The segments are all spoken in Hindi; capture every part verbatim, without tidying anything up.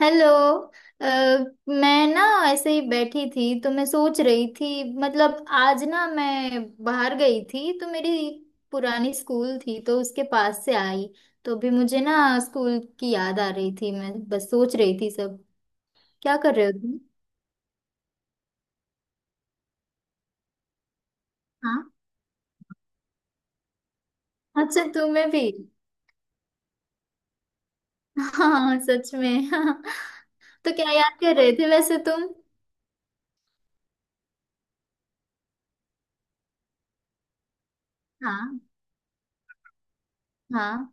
हेलो। अ, मैं ना ऐसे ही बैठी थी तो मैं सोच रही थी। मतलब आज ना मैं बाहर गई थी तो मेरी पुरानी स्कूल थी तो उसके पास से आई। तो अभी मुझे ना स्कूल की याद आ रही थी, मैं बस सोच रही थी सब। क्या कर रहे हो तुम? हाँ। अच्छा, तुम्हें भी? हाँ सच में, हाँ। तो क्या याद कर रहे थे वैसे तुम? हाँ हाँ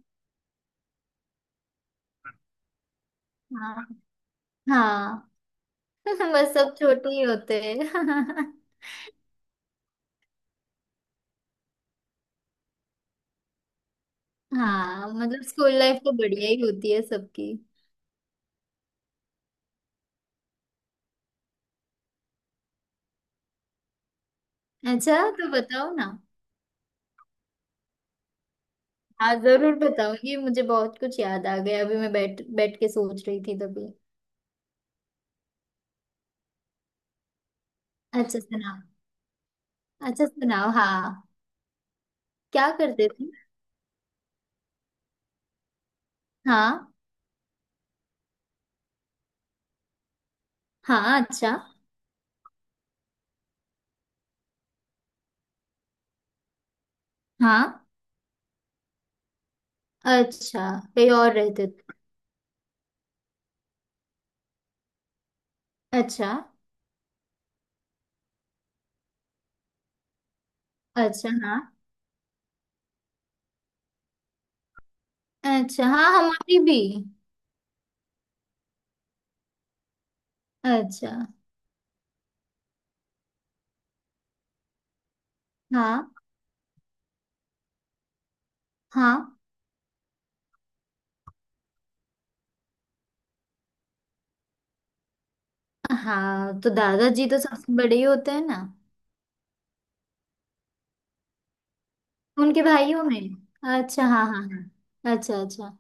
हाँ हाँ बस सब छोटे ही होते हैं। हाँ मतलब स्कूल लाइफ तो बढ़िया ही होती है सबकी। अच्छा तो बताओ ना। हाँ जरूर बताओ, ये मुझे बहुत कुछ याद आ गया। अभी मैं बैठ बैठ के सोच रही थी तभी। अच्छा सुनाओ। अच्छा सुनाओ हाँ। क्या करते थे? हाँ हाँ। अच्छा हाँ। अच्छा। कहीं और रहते थे? अच्छा। अच्छा हाँ। अच्छा हाँ हमारी भी। अच्छा। हाँ हाँ हाँ। तो दादाजी तो सबसे बड़े ही होते हैं ना? उनके भाइयों में? अच्छा हाँ हाँ। हाँ अच्छा अच्छा।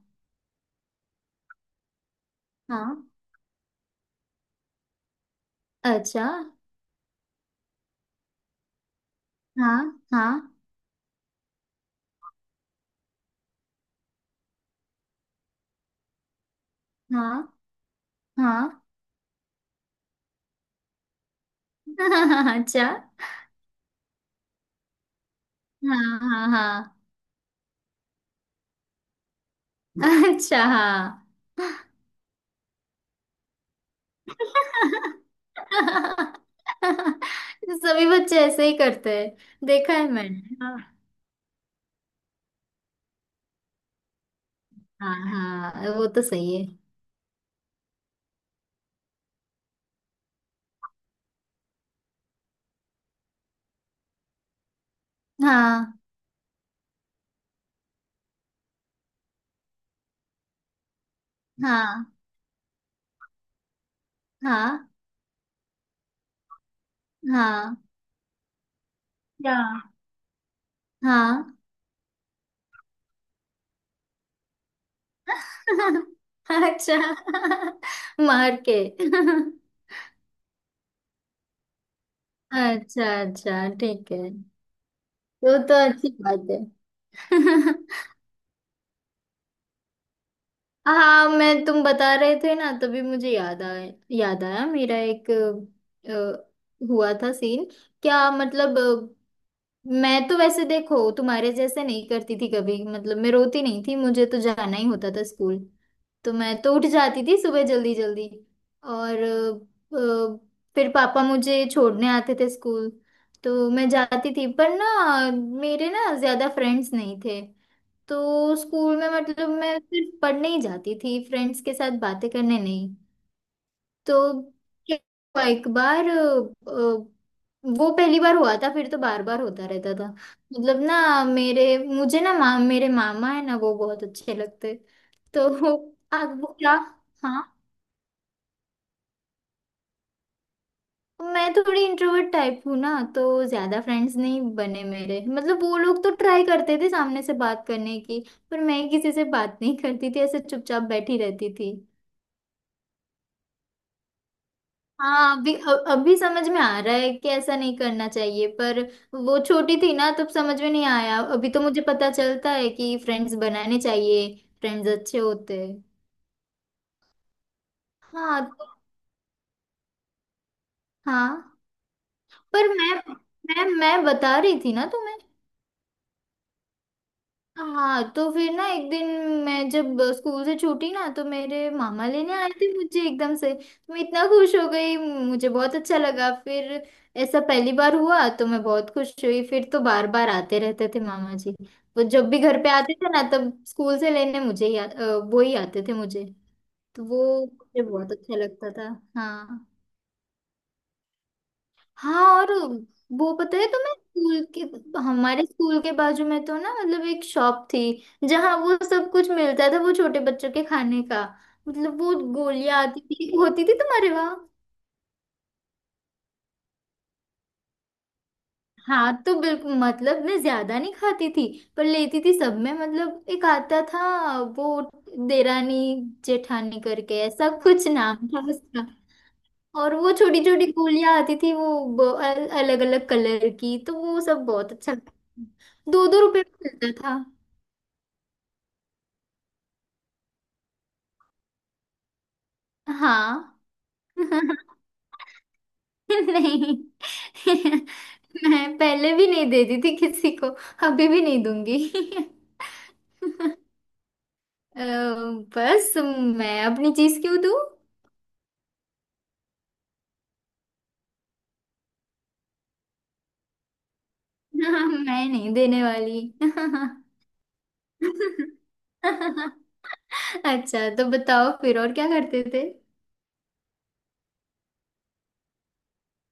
हाँ। अच्छा। हाँ हाँ हाँ। हाँ अच्छा। हाँ हाँ हाँ। अच्छा हाँ। सभी बच्चे ऐसे ही करते हैं, देखा है मैंने। हाँ। हाँ हाँ, वो तो सही है। हाँ हाँ। हाँ। हाँ हाँ हाँ। अच्छा मार के अच्छा अच्छा ठीक है। वो तो अच्छी बात है। हाँ मैं, तुम बता रहे थे ना तभी मुझे याद आया, याद आया मेरा एक अ, हुआ था सीन। क्या मतलब, अ, मैं तो वैसे देखो तुम्हारे जैसे नहीं करती थी कभी। मतलब मैं रोती नहीं थी, मुझे तो जाना ही होता था स्कूल। तो मैं तो उठ जाती थी सुबह जल्दी जल्दी। और अ, अ, फिर पापा मुझे छोड़ने आते थे स्कूल। तो मैं जाती थी पर ना मेरे ना ज्यादा फ्रेंड्स नहीं थे। तो स्कूल में मतलब मैं सिर्फ पढ़ने ही जाती थी, फ्रेंड्स के साथ बातें करने नहीं। तो क्या हुआ, एक बार अ, अ, वो पहली बार हुआ था फिर तो बार बार होता रहता था। मतलब ना मेरे मुझे ना माम मेरे मामा है ना, वो बहुत अच्छे लगते। तो आप वो क्या? हाँ। मैं थोड़ी इंट्रोवर्ट टाइप हूँ ना। तो ज्यादा फ्रेंड्स नहीं बने मेरे। मतलब वो लोग तो ट्राई करते थे सामने से बात करने की, पर मैं किसी से बात नहीं करती थी, ऐसे चुपचाप बैठी रहती थी। हाँ अभी अ- अभी समझ में आ रहा है कि ऐसा नहीं करना चाहिए, पर वो छोटी थी ना तब समझ में नहीं आया। अभी तो मुझे पता चलता है कि फ्रेंड्स बनाने चाहिए, फ्रेंड्स अच्छे होते हैं। हाँ तो हाँ, पर मैं मैं मैं बता रही थी ना तुम्हें। हाँ तो फिर ना एक दिन मैं जब स्कूल से छूटी ना तो मेरे मामा लेने आए थे मुझे एकदम से, तो मैं इतना खुश हो गई, मुझे बहुत अच्छा लगा फिर। ऐसा पहली बार हुआ तो मैं बहुत खुश हुई, फिर तो बार बार आते रहते थे मामा जी। वो जब भी घर पे आते थे ना तब स्कूल से लेने मुझे ही आ, अ, वो ही आते थे मुझे। तो वो मुझे बहुत अच्छा लगता था। हाँ। हाँ और वो पता है तुम्हें स्कूल के, हमारे स्कूल के बाजू में तो ना मतलब एक शॉप थी जहाँ वो सब कुछ मिलता था, वो छोटे बच्चों के खाने का। मतलब वो गोलियां आती थी, होती थी तुम्हारे वहाँ? हाँ तो बिल्कुल, मतलब मैं ज्यादा नहीं खाती थी पर लेती थी सब में। मतलब एक आता था वो देरानी जेठानी करके, ऐसा कुछ नाम था उसका। और वो छोटी छोटी गोलियां आती थी वो, अलग अलग कलर की, तो वो सब बहुत अच्छा लगता था। दो दो रुपए में मिलता था। हाँ। नहीं। मैं पहले भी नहीं देती थी किसी को, अभी भी नहीं दूंगी। अ, बस मैं अपनी चीज क्यों दूं? मैं नहीं देने वाली। अच्छा तो बताओ फिर और क्या करते थे।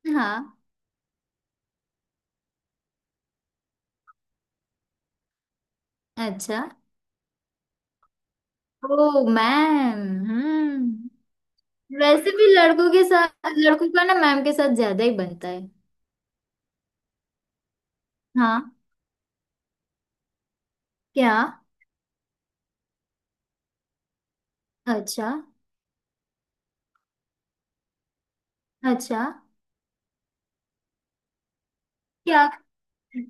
हाँ। अच्छा। ओ मैम। हम्म। वैसे भी लड़कों के साथ, लड़कों का ना मैम के साथ ज्यादा ही बनता है। हाँ। क्या? अच्छा। अच्छा। क्या?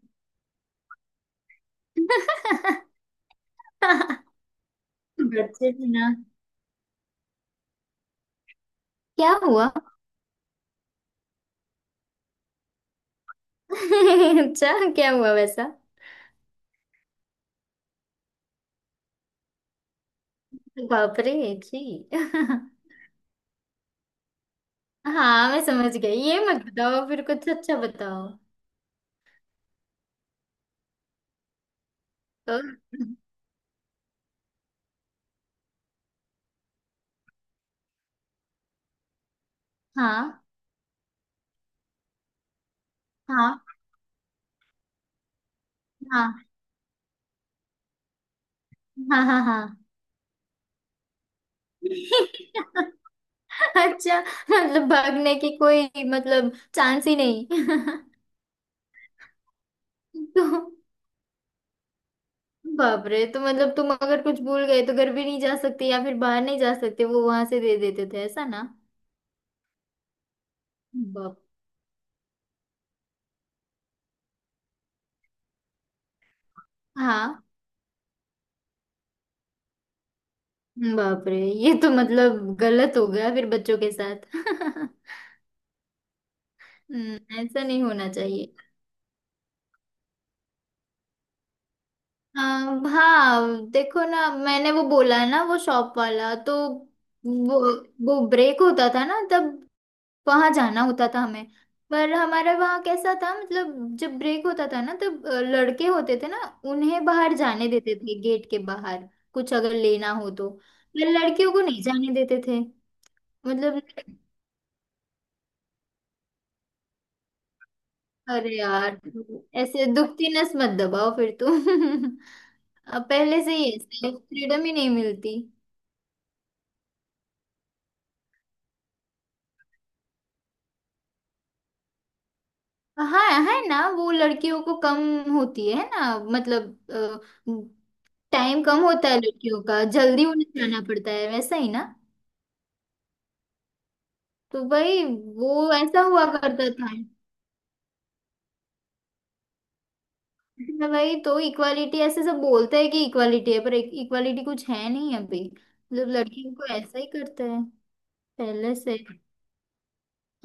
बच्चे थे ना। क्या हुआ? अच्छा क्या हुआ वैसा? बाप रे। जी। हाँ मैं समझ गई, ये मत बताओ, फिर कुछ अच्छा बताओ। तो हाँ हाँ हाँ। हाँ हाँ हाँ। अच्छा। मतलब भागने की कोई, मतलब चांस ही नहीं? तो बाप रे, तो मतलब तुम अगर कुछ भूल गए तो घर भी नहीं जा सकते या फिर बाहर नहीं जा सकते, वो वहां से दे देते थे, ऐसा ना? बाप। हाँ। बाप रे। ये तो मतलब गलत हो गया फिर बच्चों के साथ। हम्म, ऐसा नहीं होना चाहिए। हाँ हाँ, देखो ना, मैंने वो बोला ना वो शॉप वाला, तो वो वो ब्रेक होता था ना तब वहां जाना होता था हमें। पर हमारा वहाँ कैसा था, मतलब जब ब्रेक होता था ना तब अ, लड़के होते थे ना, उन्हें बाहर जाने देते थे गेट के बाहर, कुछ अगर लेना हो तो, पर लड़कियों को नहीं जाने देते थे। मतलब अरे यार, ऐसे दुखती नस मत दबाओ फिर तुम। अब पहले से ही ऐसे फ्रीडम ही नहीं मिलती। हाँ है ना, वो लड़कियों को कम होती है ना, मतलब टाइम कम होता है लड़कियों का, जल्दी उन्हें जाना पड़ता है, वैसा ही ना। तो भाई वो ऐसा हुआ करता था। तो भाई, तो इक्वालिटी ऐसे सब बोलते हैं कि इक्वालिटी है, पर इक्वालिटी कुछ है नहीं अभी, मतलब लड़कियों को ऐसा ही करते हैं पहले से।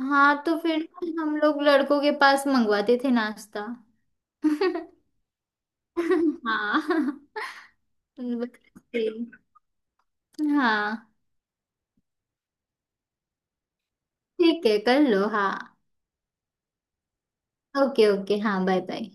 हाँ तो फिर हम लोग लड़कों के पास मंगवाते थे नाश्ता। हाँ। तुम बताते। हाँ ठीक है, कर लो हाँ। ओके ओके हाँ बाय बाय।